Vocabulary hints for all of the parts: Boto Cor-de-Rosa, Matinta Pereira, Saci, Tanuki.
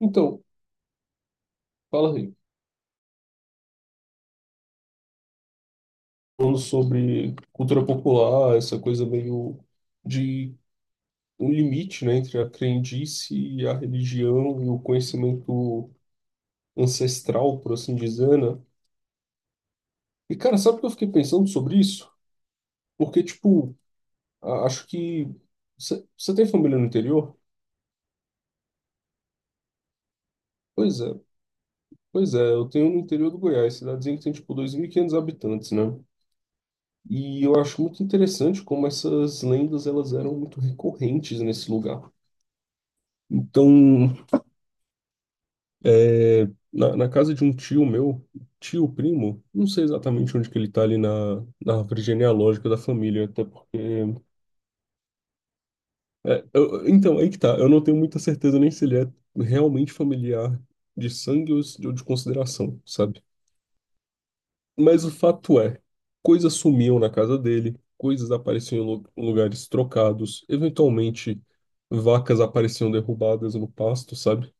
Então, fala aí. Falando sobre cultura popular, essa coisa meio de um limite, né, entre a crendice e a religião e o conhecimento ancestral, por assim dizer, né? E, cara, sabe o que eu fiquei pensando sobre isso? Porque, tipo, acho que... Você tem família no interior? Pois é, pois é. Eu tenho no interior do Goiás, cidadezinha que tem, tipo, 2500 habitantes, né? E eu acho muito interessante como essas lendas, elas eram muito recorrentes nesse lugar. Então... Na casa de um tio meu, tio primo, não sei exatamente onde que ele tá ali na árvore genealógica da família, até porque. É, então, aí que tá, eu não tenho muita certeza nem se ele é realmente familiar de sangue ou ou de consideração, sabe? Mas o fato é, coisas sumiam na casa dele, coisas apareciam em em lugares trocados, eventualmente vacas apareciam derrubadas no pasto, sabe?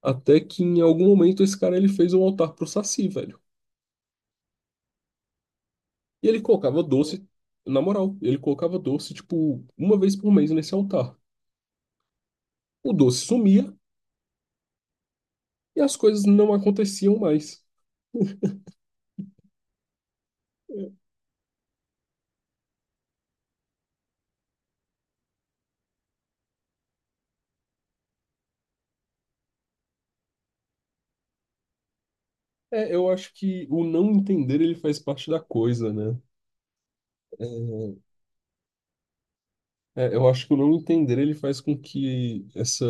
Até que em algum momento esse cara ele fez um altar pro Saci, velho. E ele colocava doce, na moral, ele colocava doce, tipo, uma vez por mês nesse altar. O doce sumia e as coisas não aconteciam mais. É, eu acho que o não entender ele faz parte da coisa, né? É, é, eu acho que o não entender ele faz com que essa,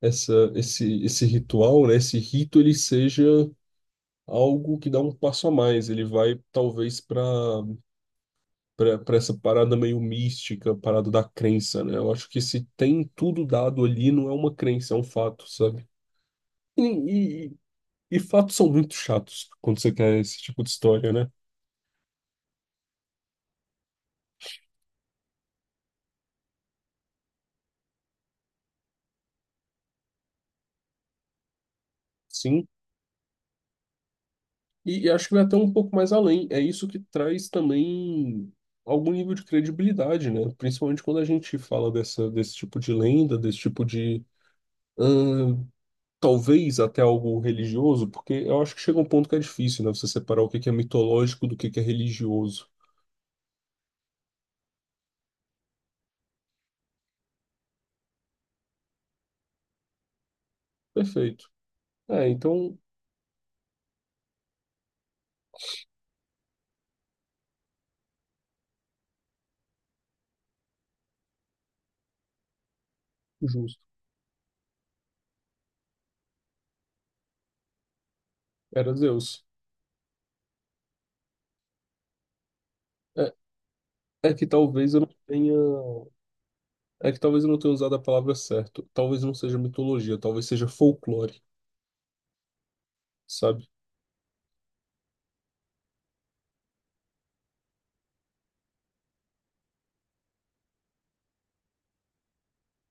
essa, esse, esse ritual, né, esse rito, ele seja algo que dá um passo a mais. Ele vai talvez para para essa parada meio mística, parada da crença, né? Eu acho que se tem tudo dado ali, não é uma crença, é um fato, sabe? E, e, e fatos são muito chatos quando você quer esse tipo de história, né? Sim. E acho que vai até um pouco mais além. É isso que traz também algum nível de credibilidade, né? Principalmente quando a gente fala dessa, desse tipo de lenda, desse tipo de. ahn, talvez até algo religioso, porque eu acho que chega um ponto que é difícil, né? Você separar o que que é mitológico do que é religioso. Perfeito. É, então, justo. Era Zeus. É, é que talvez eu não tenha. É que talvez eu não tenha usado a palavra certa. Talvez não seja mitologia, talvez seja folclore, sabe?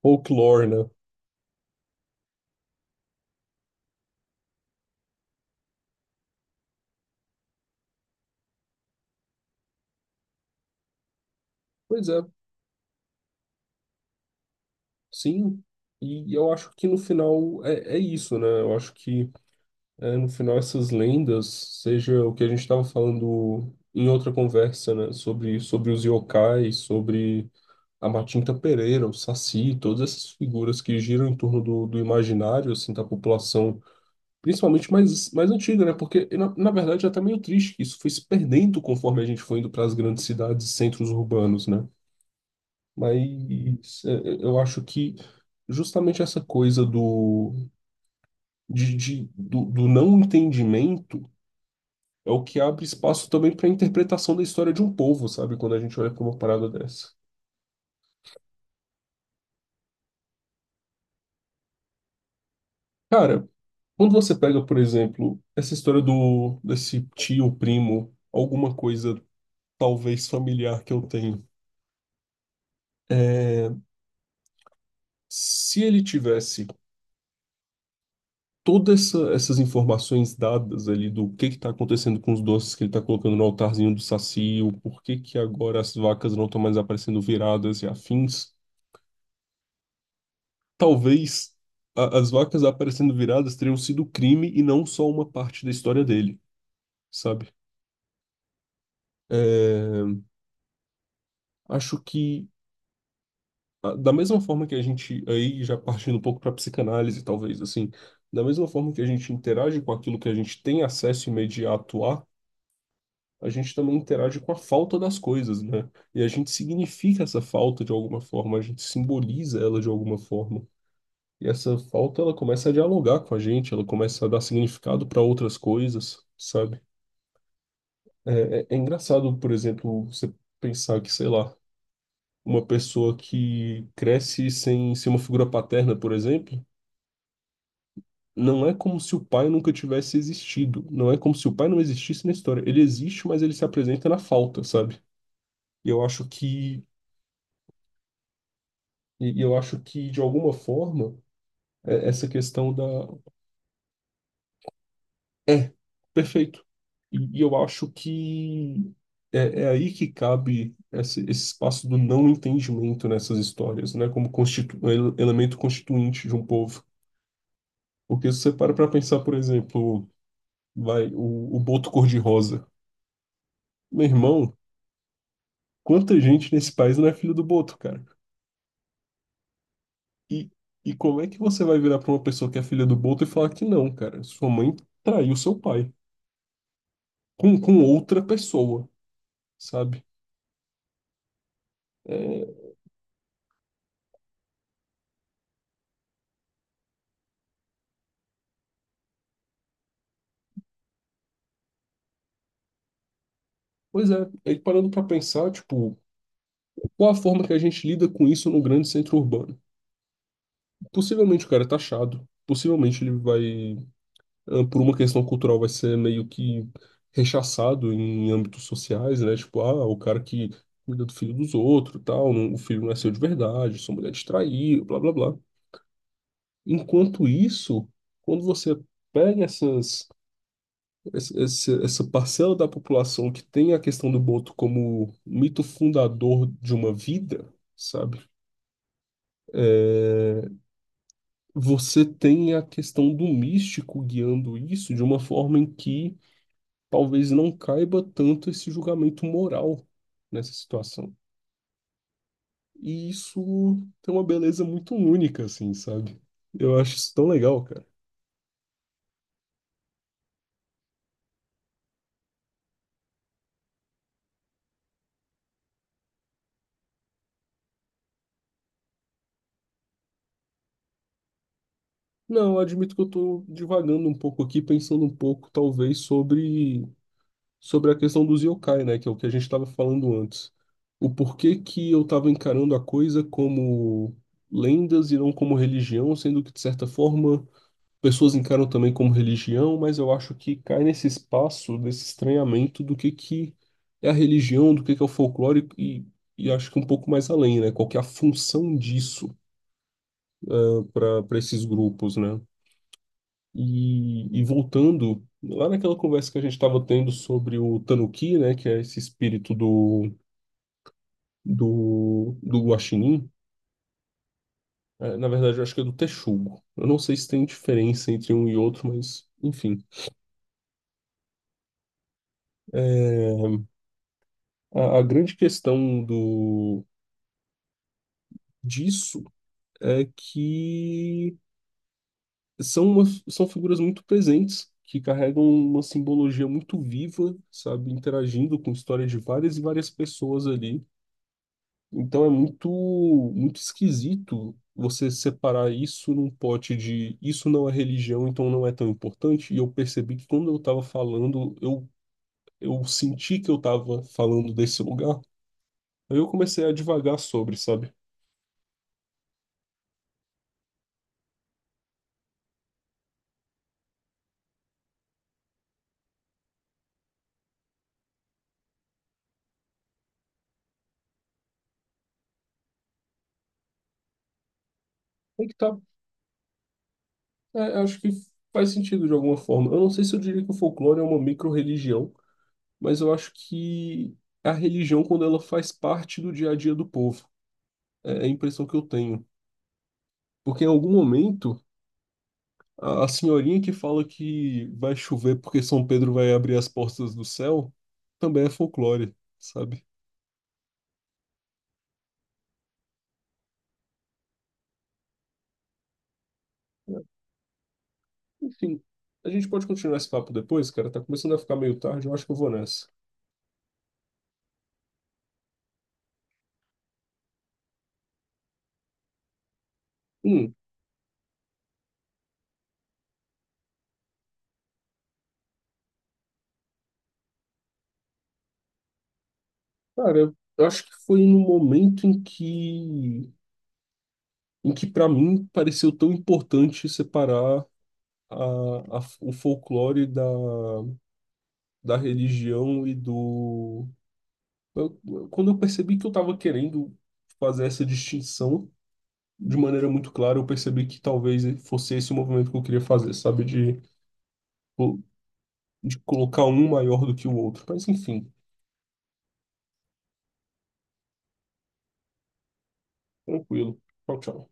Folklore, né? Pois é, sim. E eu acho que no final é, é isso, né? Eu acho que é, no final essas lendas, seja o que a gente estava falando em outra conversa, né? Sobre os yokais, sobre a Matinta Pereira, o Saci, todas essas figuras que giram em torno do, do imaginário assim da população, principalmente mais, mais antiga, né? Porque na verdade já tá meio triste que isso foi se perdendo conforme a gente foi indo para as grandes cidades e centros urbanos, né? Mas é, é, eu acho que justamente essa coisa do, de, do, do não entendimento é o que abre espaço também para a interpretação da história de um povo, sabe? Quando a gente olha para uma parada dessa. Cara, quando você pega, por exemplo, essa história do desse tio, primo, alguma coisa talvez familiar que eu tenho, se ele tivesse todas essas informações dadas ali do que está acontecendo com os doces que ele está colocando no altarzinho do Saci, o porquê que agora as vacas não estão mais aparecendo viradas e afins, talvez as vacas aparecendo viradas teriam sido crime e não só uma parte da história dele, sabe? É, acho que ah, da mesma forma que a gente, aí já partindo um pouco para psicanálise, talvez, assim, da mesma forma que a gente interage com aquilo que a gente tem acesso imediato a gente também interage com a falta das coisas, né? E a gente significa essa falta de alguma forma, a gente simboliza ela de alguma forma. E essa falta, ela começa a dialogar com a gente, ela começa a dar significado para outras coisas, sabe? É, é, é engraçado, por exemplo, você pensar que, sei lá, uma pessoa que cresce sem ser uma figura paterna, por exemplo. Não é como se o pai nunca tivesse existido. Não é como se o pai não existisse na história. Ele existe, mas ele se apresenta na falta, sabe? E eu acho que, e eu acho que de alguma forma, essa questão da. É, perfeito. E eu acho que é, é aí que cabe esse espaço do não entendimento nessas histórias, né? Como constitu... um elemento constituinte de um povo. Porque se você para pra pensar, por exemplo, vai, o Boto Cor-de-Rosa. Meu irmão. Quanta gente nesse país não é filho do Boto, cara? E, e como é que você vai virar pra uma pessoa que é filha do Boto e falar que não, cara? Sua mãe traiu seu pai com outra pessoa, sabe? É, pois é, aí parando pra pensar, tipo, qual a forma que a gente lida com isso no grande centro urbano? Possivelmente o cara é taxado, possivelmente ele vai ah, por uma questão cultural, vai ser meio que rechaçado em âmbitos sociais, né? Tipo, ah, o cara que cuida do filho dos outros, tal, o filho não é seu de verdade, sua mulher te traiu, blá, blá, blá. Enquanto isso, quando você pega essa essa parcela da população que tem a questão do boto como mito fundador de uma vida, sabe? Você tem a questão do místico guiando isso de uma forma em que talvez não caiba tanto esse julgamento moral nessa situação. E isso tem uma beleza muito única, assim, sabe? Eu acho isso tão legal, cara. Não, eu admito que eu tô divagando um pouco aqui, pensando um pouco, talvez, sobre a questão dos yokai, né? Que é o que a gente estava falando antes. O porquê que eu estava encarando a coisa como lendas e não como religião, sendo que, de certa forma, pessoas encaram também como religião, mas eu acho que cai nesse espaço desse estranhamento do que é a religião, do que é o folclore e acho que um pouco mais além, né? Qual que é a função disso para esses grupos, né? E voltando lá naquela conversa que a gente estava tendo sobre o Tanuki, né? Que é esse espírito do do Guaxinim. É, na verdade, eu acho que é do Texugo. Eu não sei se tem diferença entre um e outro, mas enfim. É, a grande questão do disso é que são, são figuras muito presentes, que carregam uma simbologia muito viva, sabe, interagindo com histórias de várias e várias pessoas ali. Então é muito, muito esquisito você separar isso num pote de isso não é religião, então não é tão importante. E eu percebi que quando eu estava falando, eu senti que eu estava falando desse lugar. Aí eu comecei a divagar sobre, sabe? Aí que tá. É, acho que faz sentido de alguma forma. Eu não sei se eu diria que o folclore é uma micro-religião, mas eu acho que a religião, quando ela faz parte do dia a dia do povo, é a impressão que eu tenho. Porque em algum momento. A senhorinha que fala que vai chover porque São Pedro vai abrir as portas do céu também é folclore, sabe? Enfim, a gente pode continuar esse papo depois, cara. Tá começando a ficar meio tarde, eu acho que eu vou nessa. Hum, cara, eu acho que foi no momento em que para mim pareceu tão importante separar a, o folclore da, da religião e do. Quando eu percebi que eu tava querendo fazer essa distinção de maneira muito clara, eu percebi que talvez fosse esse o movimento que eu queria fazer, sabe? De colocar um maior do que o outro. Mas enfim, tranquilo. Tchau, tchau.